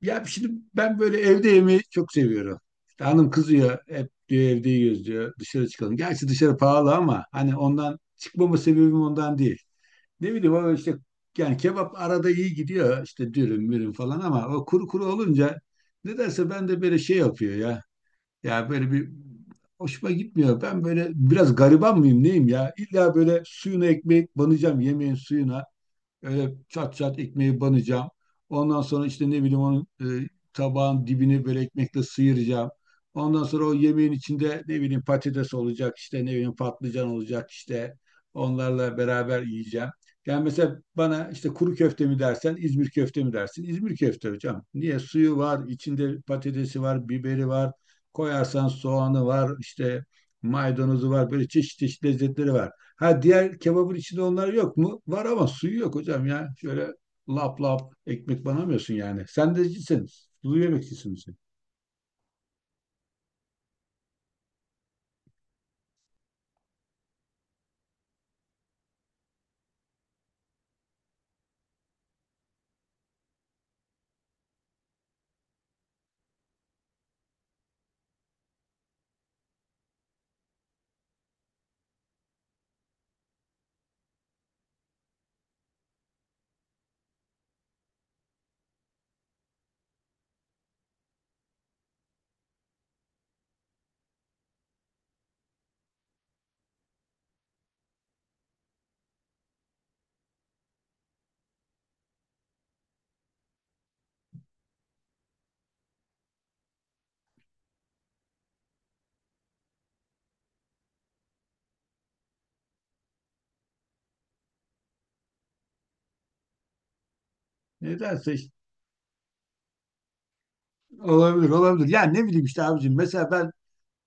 Ya şimdi ben böyle evde yemeği çok seviyorum. İşte hanım kızıyor hep diyor evde yiyoruz diyor dışarı çıkalım. Gerçi dışarı pahalı ama hani ondan çıkmama sebebim ondan değil. Ne bileyim o işte yani kebap arada iyi gidiyor işte dürüm mürüm falan ama o kuru kuru olunca nedense ben de böyle şey yapıyor ya. Ya böyle bir hoşuma gitmiyor. Ben böyle biraz gariban mıyım neyim ya? İlla böyle suyunu ekmek banacağım yemeğin suyuna. Öyle çat çat ekmeği banacağım. Ondan sonra işte ne bileyim onun tabağın dibini böyle ekmekle sıyıracağım. Ondan sonra o yemeğin içinde ne bileyim patates olacak işte ne bileyim patlıcan olacak işte onlarla beraber yiyeceğim. Yani mesela bana işte kuru köfte mi dersen İzmir köfte mi dersin? İzmir köfte hocam. Niye? Suyu var, içinde patatesi var, biberi var, koyarsan soğanı var, işte maydanozu var, böyle çeşit çeşit lezzetleri var. Ha diğer kebabın içinde onlar yok mu? Var ama suyu yok hocam ya. Şöyle lap lap ekmek banamıyorsun yani. Sendecisin. Sulu yemekçisin sen. Nedense işte, olabilir olabilir. Yani ne bileyim işte abicim. Mesela ben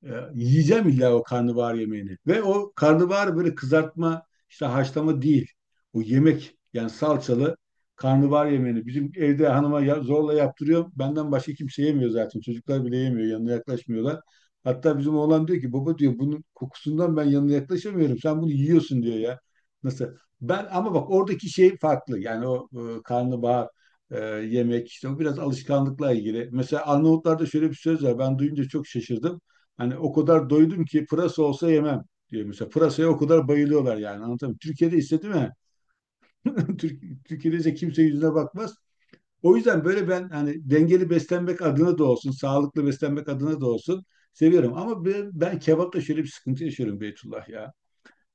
Yiyeceğim illa o karnabahar yemeğini. Ve o karnabahar böyle kızartma, işte haşlama değil. O yemek yani salçalı karnabahar yemeğini. Bizim evde hanıma zorla yaptırıyor. Benden başka kimse yemiyor zaten. Çocuklar bile yemiyor. Yanına yaklaşmıyorlar. Hatta bizim oğlan diyor ki baba diyor bunun kokusundan ben yanına yaklaşamıyorum. Sen bunu yiyorsun diyor ya. Nasıl? Ben ama bak oradaki şey farklı. Yani o karnabahar yemek işte o biraz alışkanlıkla ilgili. Mesela Arnavutlarda şöyle bir söz var. Ben duyunca çok şaşırdım. Hani o kadar doydum ki pırasa olsa yemem diyor mesela. Pırasaya o kadar bayılıyorlar yani anlatamıyorum. Türkiye'de ise değil mi? Türkiye'de ise kimse yüzüne bakmaz. O yüzden böyle ben hani dengeli beslenmek adına da olsun, sağlıklı beslenmek adına da olsun seviyorum. Ama ben kebapta şöyle bir sıkıntı yaşıyorum Beytullah ya.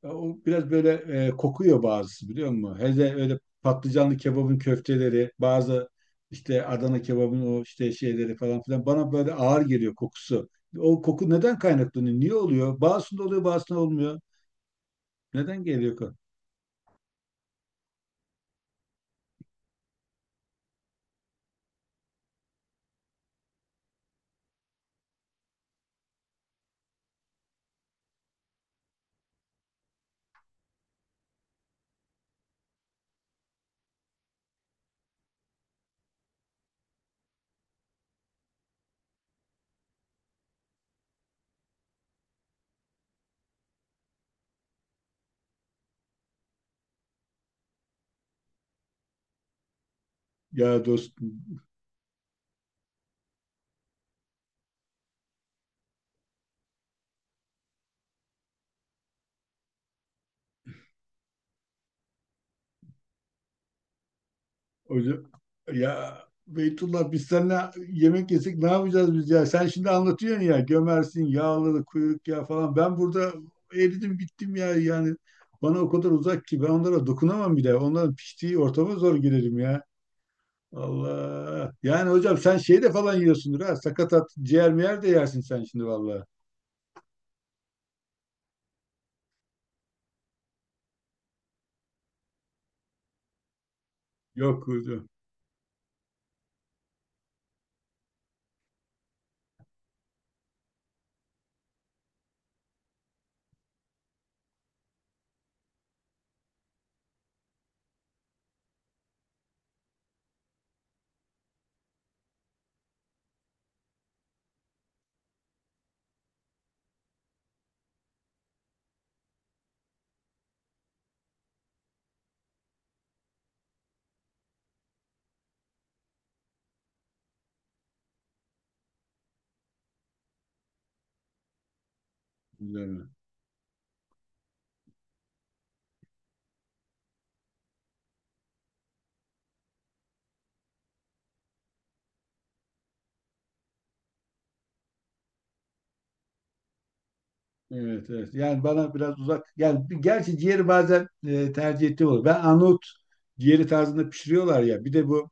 Ya o biraz böyle kokuyor bazısı biliyor musun? Hele öyle patlıcanlı kebabın köfteleri, bazı işte Adana kebabın o işte şeyleri falan filan bana böyle ağır geliyor kokusu. O koku neden kaynaklanıyor? Niye oluyor? Bazısında oluyor, bazısında olmuyor. Neden geliyor? Ya dost Hoca, ya Beytullah biz seninle yemek yesek ne yapacağız biz ya? Sen şimdi anlatıyorsun ya gömersin, yağlı, kuyruk ya falan. Ben burada eridim bittim ya yani. Bana o kadar uzak ki ben onlara dokunamam bile. Onların piştiği ortama zor girerim ya. Allah. Yani hocam sen şey de falan yiyorsundur ha. Sakatat, ciğer miyer de yersin sen şimdi vallahi. Yok hocam. Evet, evet. Yani bana biraz uzak. Yani gerçi ciğeri bazen tercih ettiğim olur. Ben Arnavut ciğeri tarzında pişiriyorlar ya. Bir de bu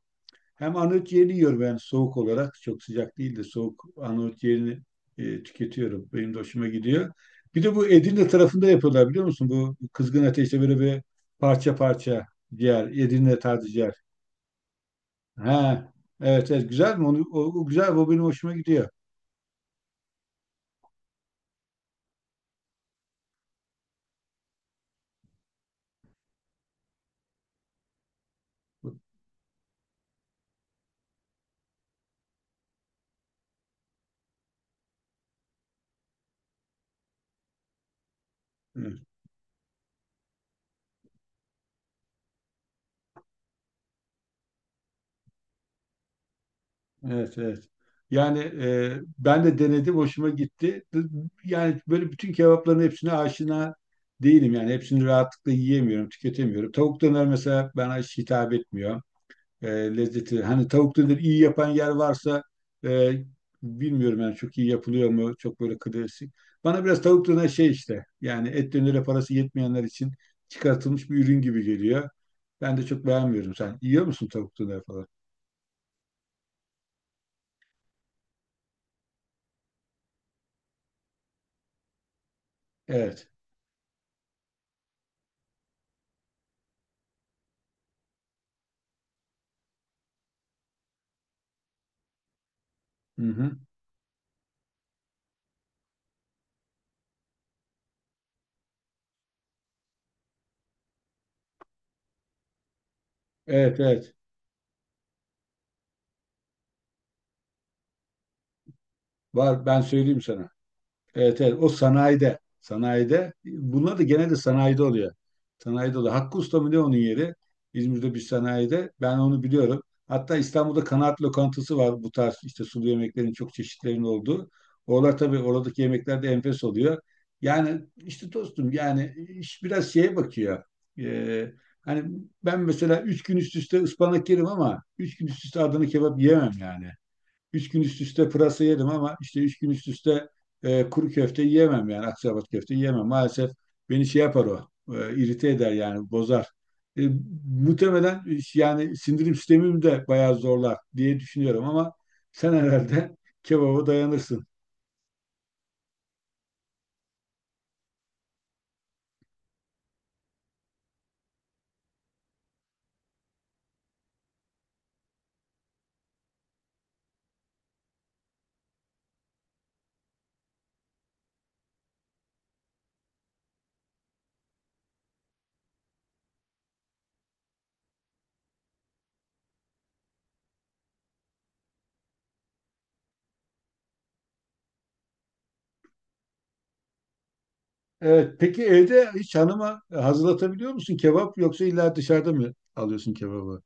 hem Arnavut ciğeri yiyorum yani soğuk olarak. Çok sıcak değil de soğuk Arnavut ciğerini tüketiyorum. Benim de hoşuma gidiyor. Bir de bu Edirne tarafında yapıyorlar biliyor musun? Bu kızgın ateşte böyle bir parça parça ciğer. Edirne tarzı ciğer. Ha, evet, evet. Güzel mi? Onu, o güzel. O benim hoşuma gidiyor. Evet. Evet, evet. Yani ben de denedim, hoşuma gitti. Yani böyle bütün kebapların hepsine aşina değilim. Yani hepsini rahatlıkla yiyemiyorum, tüketemiyorum. Tavuk döner mesela bana hiç hitap etmiyor. Lezzeti. Hani tavuk döner iyi yapan yer varsa e, bilmiyorum yani çok iyi yapılıyor mu? Çok böyle klasik. Bana biraz tavuk döner şey işte. Yani et dönere parası yetmeyenler için çıkartılmış bir ürün gibi geliyor. Ben de çok beğenmiyorum. Sen yiyor musun tavuk döner falan? Evet. Hı hı. Evet, evet. Var ben söyleyeyim sana. Evet evet o sanayide. Sanayide. Bunlar da genelde sanayide oluyor. Sanayide oluyor. Hakkı Usta mı ne onun yeri? İzmir'de bir sanayide. Ben onu biliyorum. Hatta İstanbul'da kanaat lokantası var bu tarz işte sulu yemeklerin çok çeşitlerinin olduğu. Oralar tabii oradaki yemekler de enfes oluyor. Yani işte dostum yani iş biraz şeye bakıyor. Ee, hani ben mesela üç gün üst üste ıspanak yerim ama üç gün üst üste Adana kebap yiyemem yani. Üç gün üst üste pırasa yedim ama işte üç gün üst üste kuru köfte yiyemem yani akçaabat köfte yiyemem. Maalesef beni şey yapar o, irite eder yani bozar. E, muhtemelen yani sindirim sistemimi de bayağı zorlar diye düşünüyorum ama sen herhalde kebaba dayanırsın. Evet, peki evde hiç hanıma hazırlatabiliyor musun kebap yoksa illa dışarıda mı alıyorsun kebabı?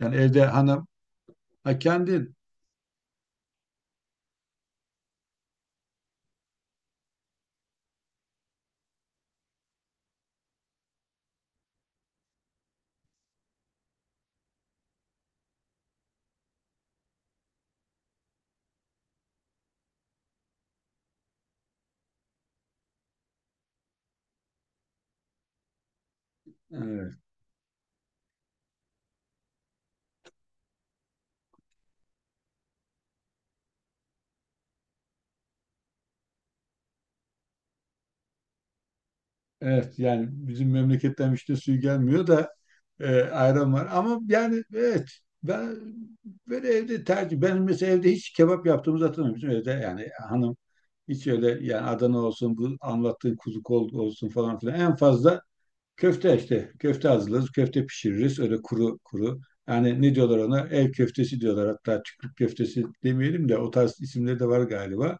Yani evde hanım, ha kendin. Evet, evet yani bizim memleketten işte suyu gelmiyor da ayran var. Ama yani evet ben böyle evde tercih. Ben mesela evde hiç kebap yaptığımızı hatırlamıyorum. Bizim evde yani hanım hiç öyle yani Adana olsun bu anlattığın kuzu kol olsun falan filan. En fazla köfte işte köfte hazırlarız. Köfte pişiririz öyle kuru kuru. Yani ne diyorlar ona? Ev köftesi diyorlar. Hatta çiftlik köftesi demeyelim de o tarz isimleri de var galiba.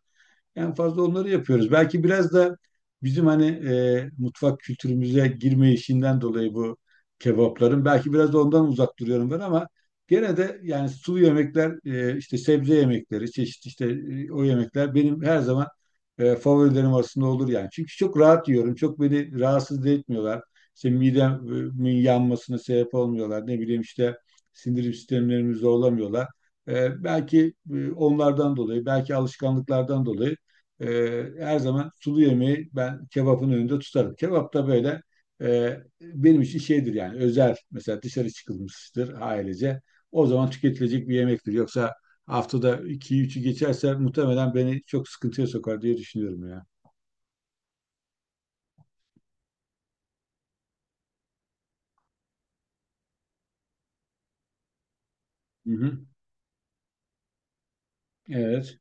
En fazla onları yapıyoruz. Belki biraz da bizim hani mutfak kültürümüze girme işinden dolayı bu kebapların. Belki biraz da ondan uzak duruyorum ben ama gene de yani sulu yemekler, işte sebze yemekleri, çeşit işte o yemekler benim her zaman favorilerim arasında olur yani. Çünkü çok rahat yiyorum. Çok beni rahatsız da etmiyorlar. İşte midemin yanmasına sebep olmuyorlar. Ne bileyim işte sindirim sistemlerimizi zorlamıyorlar. Belki onlardan dolayı, belki alışkanlıklardan dolayı her zaman sulu yemeği ben kebapın önünde tutarım. Kebap da böyle benim için şeydir yani özel mesela dışarı çıkılmıştır ailece. O zaman tüketilecek bir yemektir. Yoksa haftada 2 üçü geçerse muhtemelen beni çok sıkıntıya sokar diye düşünüyorum ya. Hı hı. Evet.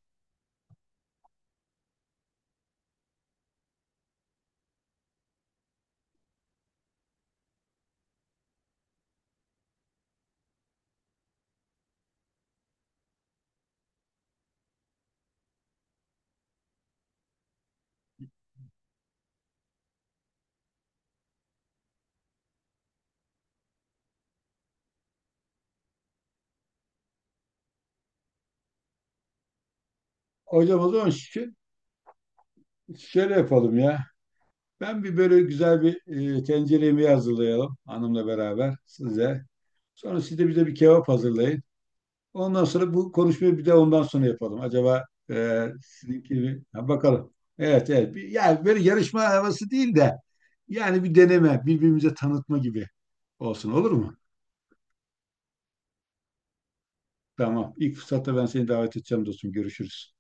Hocam o zaman şöyle yapalım ya. Ben bir böyle güzel bir tencere yemeği hazırlayalım hanımla beraber size. Sonra siz de bize bir kebap hazırlayın. Ondan sonra bu konuşmayı bir de ondan sonra yapalım. Acaba sizinki mi? Ha, bakalım. Evet evet. Bir, yani böyle yarışma havası değil de yani bir deneme, birbirimize tanıtma gibi olsun olur mu? Tamam. İlk fırsatta ben seni davet edeceğim dostum. Görüşürüz.